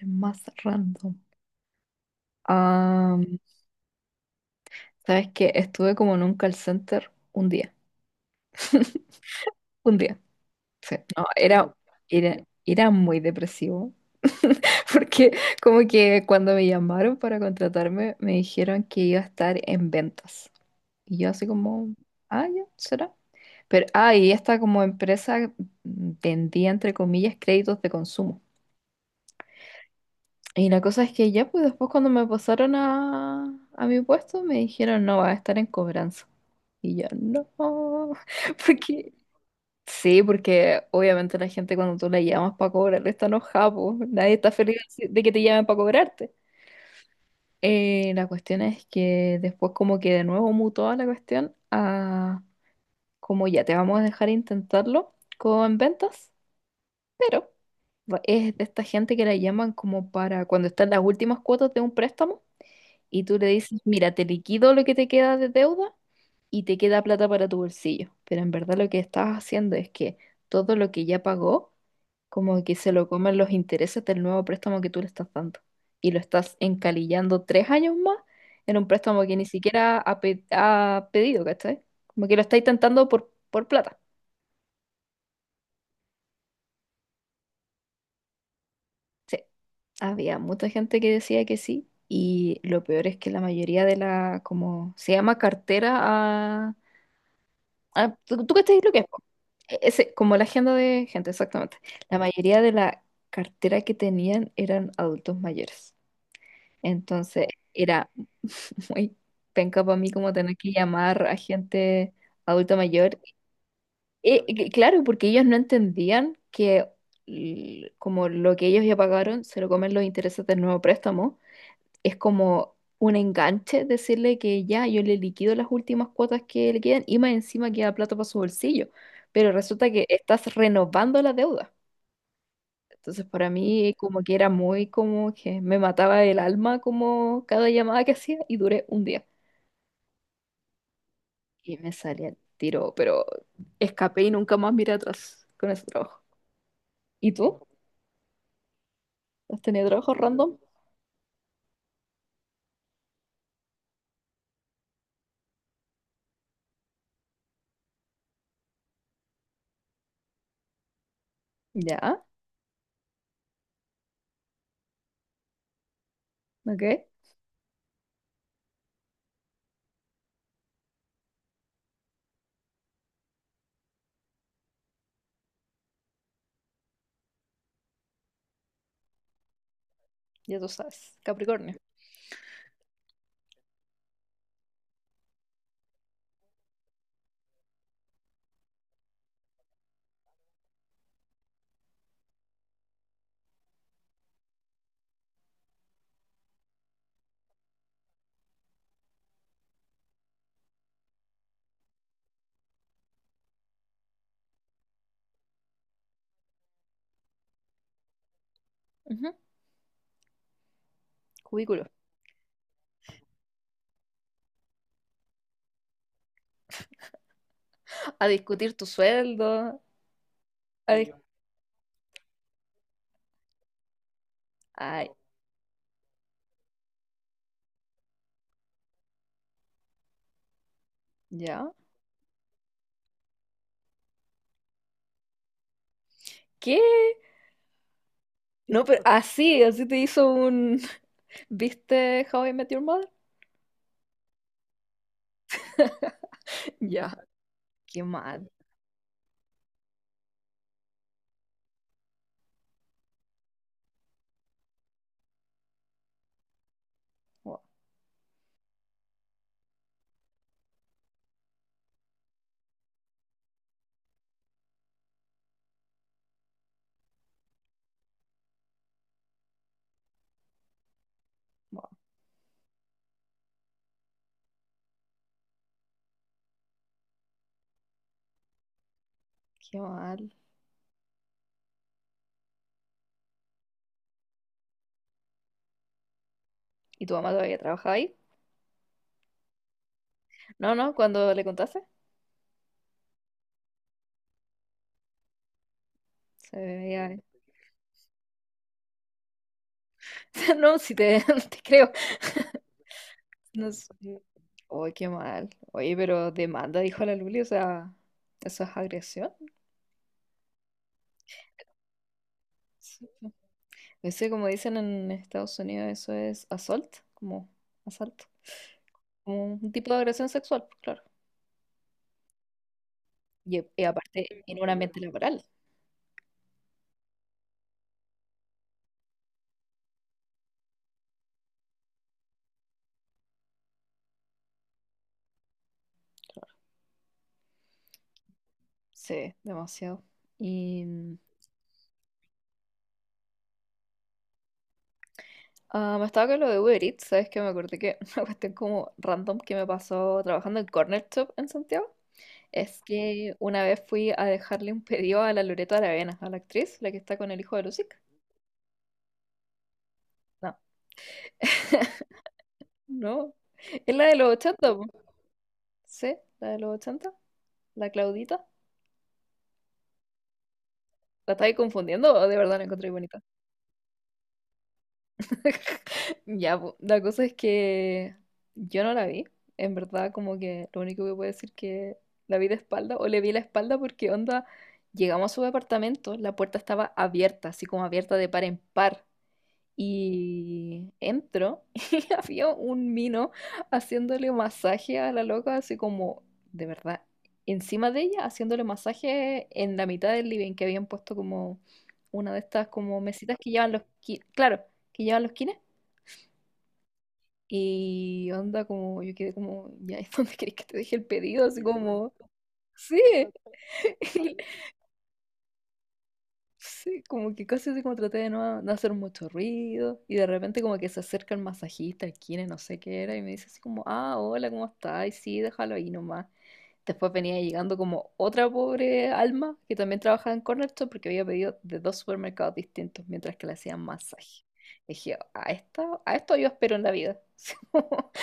El más random. Ah, ¿sabes qué? Estuve como en un call center un día. Un día. Sí. No, era, era muy depresivo. Porque como que cuando me llamaron para contratarme, me dijeron que iba a estar en ventas. Y yo así como, ah, ya, será. Pero, ah, y esta como empresa vendía, entre comillas, créditos de consumo. Y la cosa es que ya, pues después cuando me pasaron a mi puesto, me dijeron, no, va a estar en cobranza. Y yo, no, porque... Sí, porque obviamente la gente cuando tú la llamas para cobrarle está enojada, po. Nadie está feliz de que te llamen para cobrarte. La cuestión es que después como que de nuevo mutó la cuestión a como ya te vamos a dejar intentarlo con ventas, pero es de esta gente que la llaman como para cuando están las últimas cuotas de un préstamo. Y tú le dices, mira, te liquido lo que te queda de deuda y te queda plata para tu bolsillo. Pero en verdad lo que estás haciendo es que todo lo que ya pagó, como que se lo comen los intereses del nuevo préstamo que tú le estás dando. Y lo estás encalillando 3 años más en un préstamo que ni siquiera ha pedido, ¿cachai? Como que lo estáis tentando por plata. Sí, había mucha gente que decía que sí. Y lo peor es que la mayoría de la, como se llama, cartera. Ah, ¿tú cachai lo que es, po? Ese, como la agenda de gente, exactamente. La mayoría de la cartera que tenían eran adultos mayores. Entonces era muy penca para mí como tener que llamar a gente adulta mayor. Claro, porque ellos no entendían que como lo que ellos ya pagaron se lo comen los intereses del nuevo préstamo, es como un enganche decirle que ya yo le liquido las últimas cuotas que le quedan y más encima queda plata para su bolsillo. Pero resulta que estás renovando la deuda. Entonces para mí como que era muy como que me mataba el alma como cada llamada que hacía, y duré un día. Y me salía el tiro, pero escapé y nunca más miré atrás con ese trabajo. ¿Y tú? ¿Has tenido trabajos random? Ya, ok. Ya tú sabes. Capricornio. Ujú. Cubículo. A discutir tu sueldo, a dis- ay, ¿ya? ¿Qué? No, pero así, así te hizo un... ¿Viste How I Met Your Mother? Ya, qué mal. Wow, wow, qué mal. ¿Y tu mamá todavía trabajaba ahí? No, no, cuando le contaste, se veía... No, si te, te creo. No sé. Oye, qué mal. Oye, pero demanda, dijo la Luli, o sea, ¿eso es agresión? Sí. Ese, como dicen en Estados Unidos, eso es assault, como asalto. Como un tipo de agresión sexual, pues, claro. Y aparte, en un ambiente laboral. Sí, demasiado. Y mm, me estaba con lo de Uber Eats, ¿sabes qué? Me acordé que una cuestión como random que me pasó trabajando en Corner Shop en Santiago. Es que una vez fui a dejarle un pedido a la Loreto Aravena, a la actriz, la que está con el hijo de Lucic. No, no. Es la de los ochenta, po. Sí, la de los ochenta, la Claudita. ¿La estáis confundiendo o de verdad la encontré bonita? Ya, po, la cosa es que yo no la vi. En verdad, como que lo único que puedo decir, que la vi de espalda o le vi la espalda, porque onda, llegamos a su departamento, la puerta estaba abierta, así como abierta de par en par. Y entro y había un mino haciéndole masaje a la loca, así como, de verdad, encima de ella, haciéndole masaje en la mitad del living, que habían puesto como una de estas como mesitas que llevan los... claro, que llevan los kines. Y onda como, yo quedé como, ya, ¿y dónde querés que te deje el pedido? Así como, sí, sí, como que casi así como traté de no hacer mucho ruido. Y de repente como que se acerca el masajista, el kine, no sé qué era, y me dice así como, ah, hola, ¿cómo estás? Y sí, déjalo ahí nomás. Después venía llegando como otra pobre alma que también trabajaba en Corner Shop, porque había pedido de dos supermercados distintos mientras que le hacían masaje. Y dije, a esto yo espero en la vida.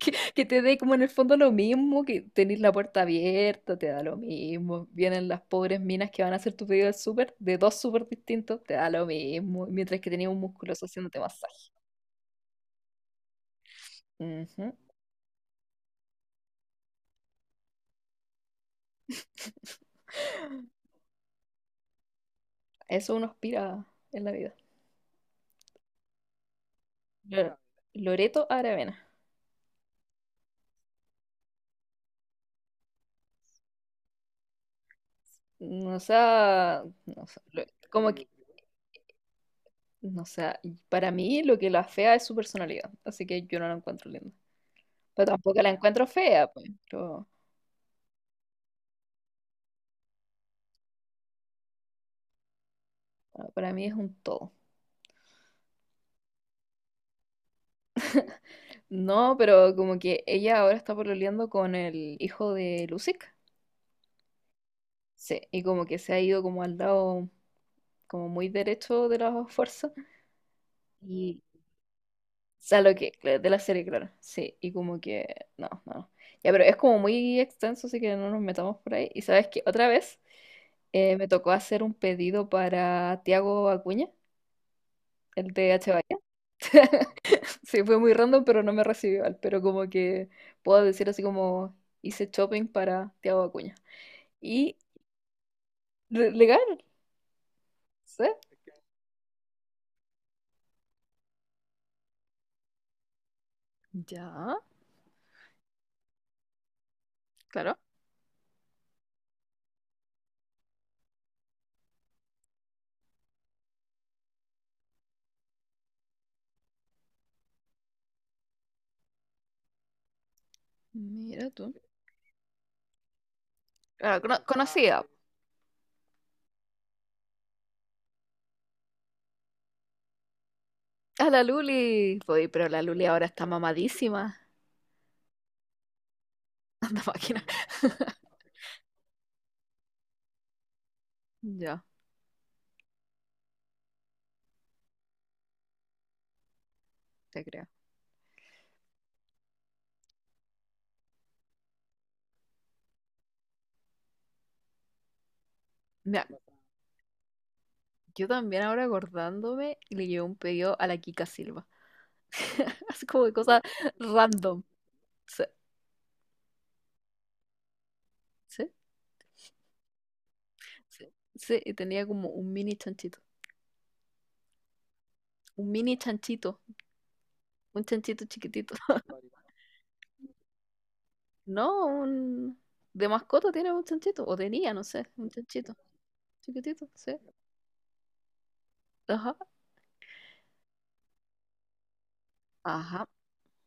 Que te dé como en el fondo lo mismo, que tenés la puerta abierta, te da lo mismo. Vienen las pobres minas que van a hacer tu pedido del súper, de dos súper distintos, te da lo mismo. Mientras que tenías un musculoso haciéndote masaje. Ujú. Eso uno aspira en la vida. Lo- Loreto Aravena. No, o sea, no sé, como que, no sé, y para mí lo que la fea es su personalidad, así que yo no la encuentro linda. Pero tampoco la encuentro fea, pues, pero bueno, para mí es un todo. No, pero como que ella ahora está pololeando con el hijo de Lucic, sí, y como que se ha ido como al lado, como muy derecho de las fuerzas, y, o sea, lo que, claro, de la serie, claro, sí, y como que, no, no. Ya, pero es como muy extenso, así que no nos metamos por ahí. Y sabes que otra vez, me tocó hacer un pedido para Tiago Acuña, el de H. Bahía. Sí, fue muy random, pero no me recibió igual. Pero como que puedo decir así como hice shopping para Tiago Acuña. Y legal, ¿sí? Ya, claro. Mira tú. Ah, conocía a la Luli, voy, pero la Luli ahora está mamadísima. Anda máquina. Ya, te creo. Mira, yo también ahora acordándome le llevé un pedido a la Kika Silva. Así como de cosas random. Sí, sí. Sí, sí, y tenía como un mini chanchito. Un mini chanchito. Un chanchito chiquitito. No, un... De mascota tiene un chanchito. O tenía, no sé. Un chanchito. Chiquitito, sí. Ajá. Ajá.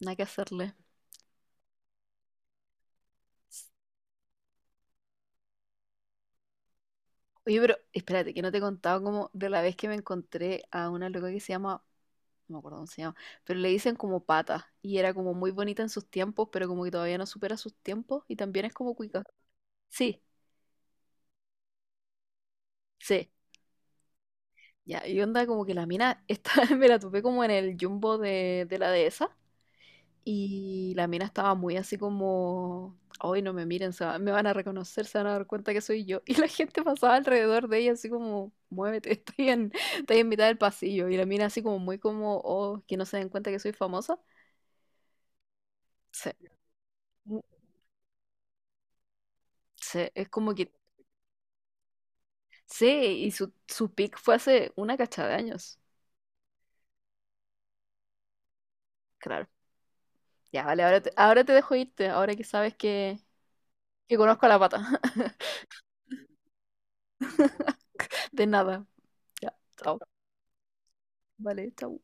Nada que hacerle. Oye, pero espérate, que no te he contado como de la vez que me encontré a una loca que se llama... No me acuerdo cómo se llama. Pero le dicen como pata. Y era como muy bonita en sus tiempos, pero como que todavía no supera sus tiempos. Y también es como cuica. Sí, sí. Ya, y onda como que la mina, esta, me la topé como en el jumbo de la dehesa y la mina estaba muy así como, hoy no me miren, me van a reconocer, se van a dar cuenta que soy yo. Y la gente pasaba alrededor de ella así como, muévete, estoy en mitad del pasillo. Y la mina así como muy como, oh, que no se den cuenta que soy famosa. Sí, sí, es como que, sí, y su pic fue hace una cacha de años. Claro. Ya, vale, ahora te dejo irte, ahora que sabes que conozco a la pata. De nada. Ya, chao. Vale, chao.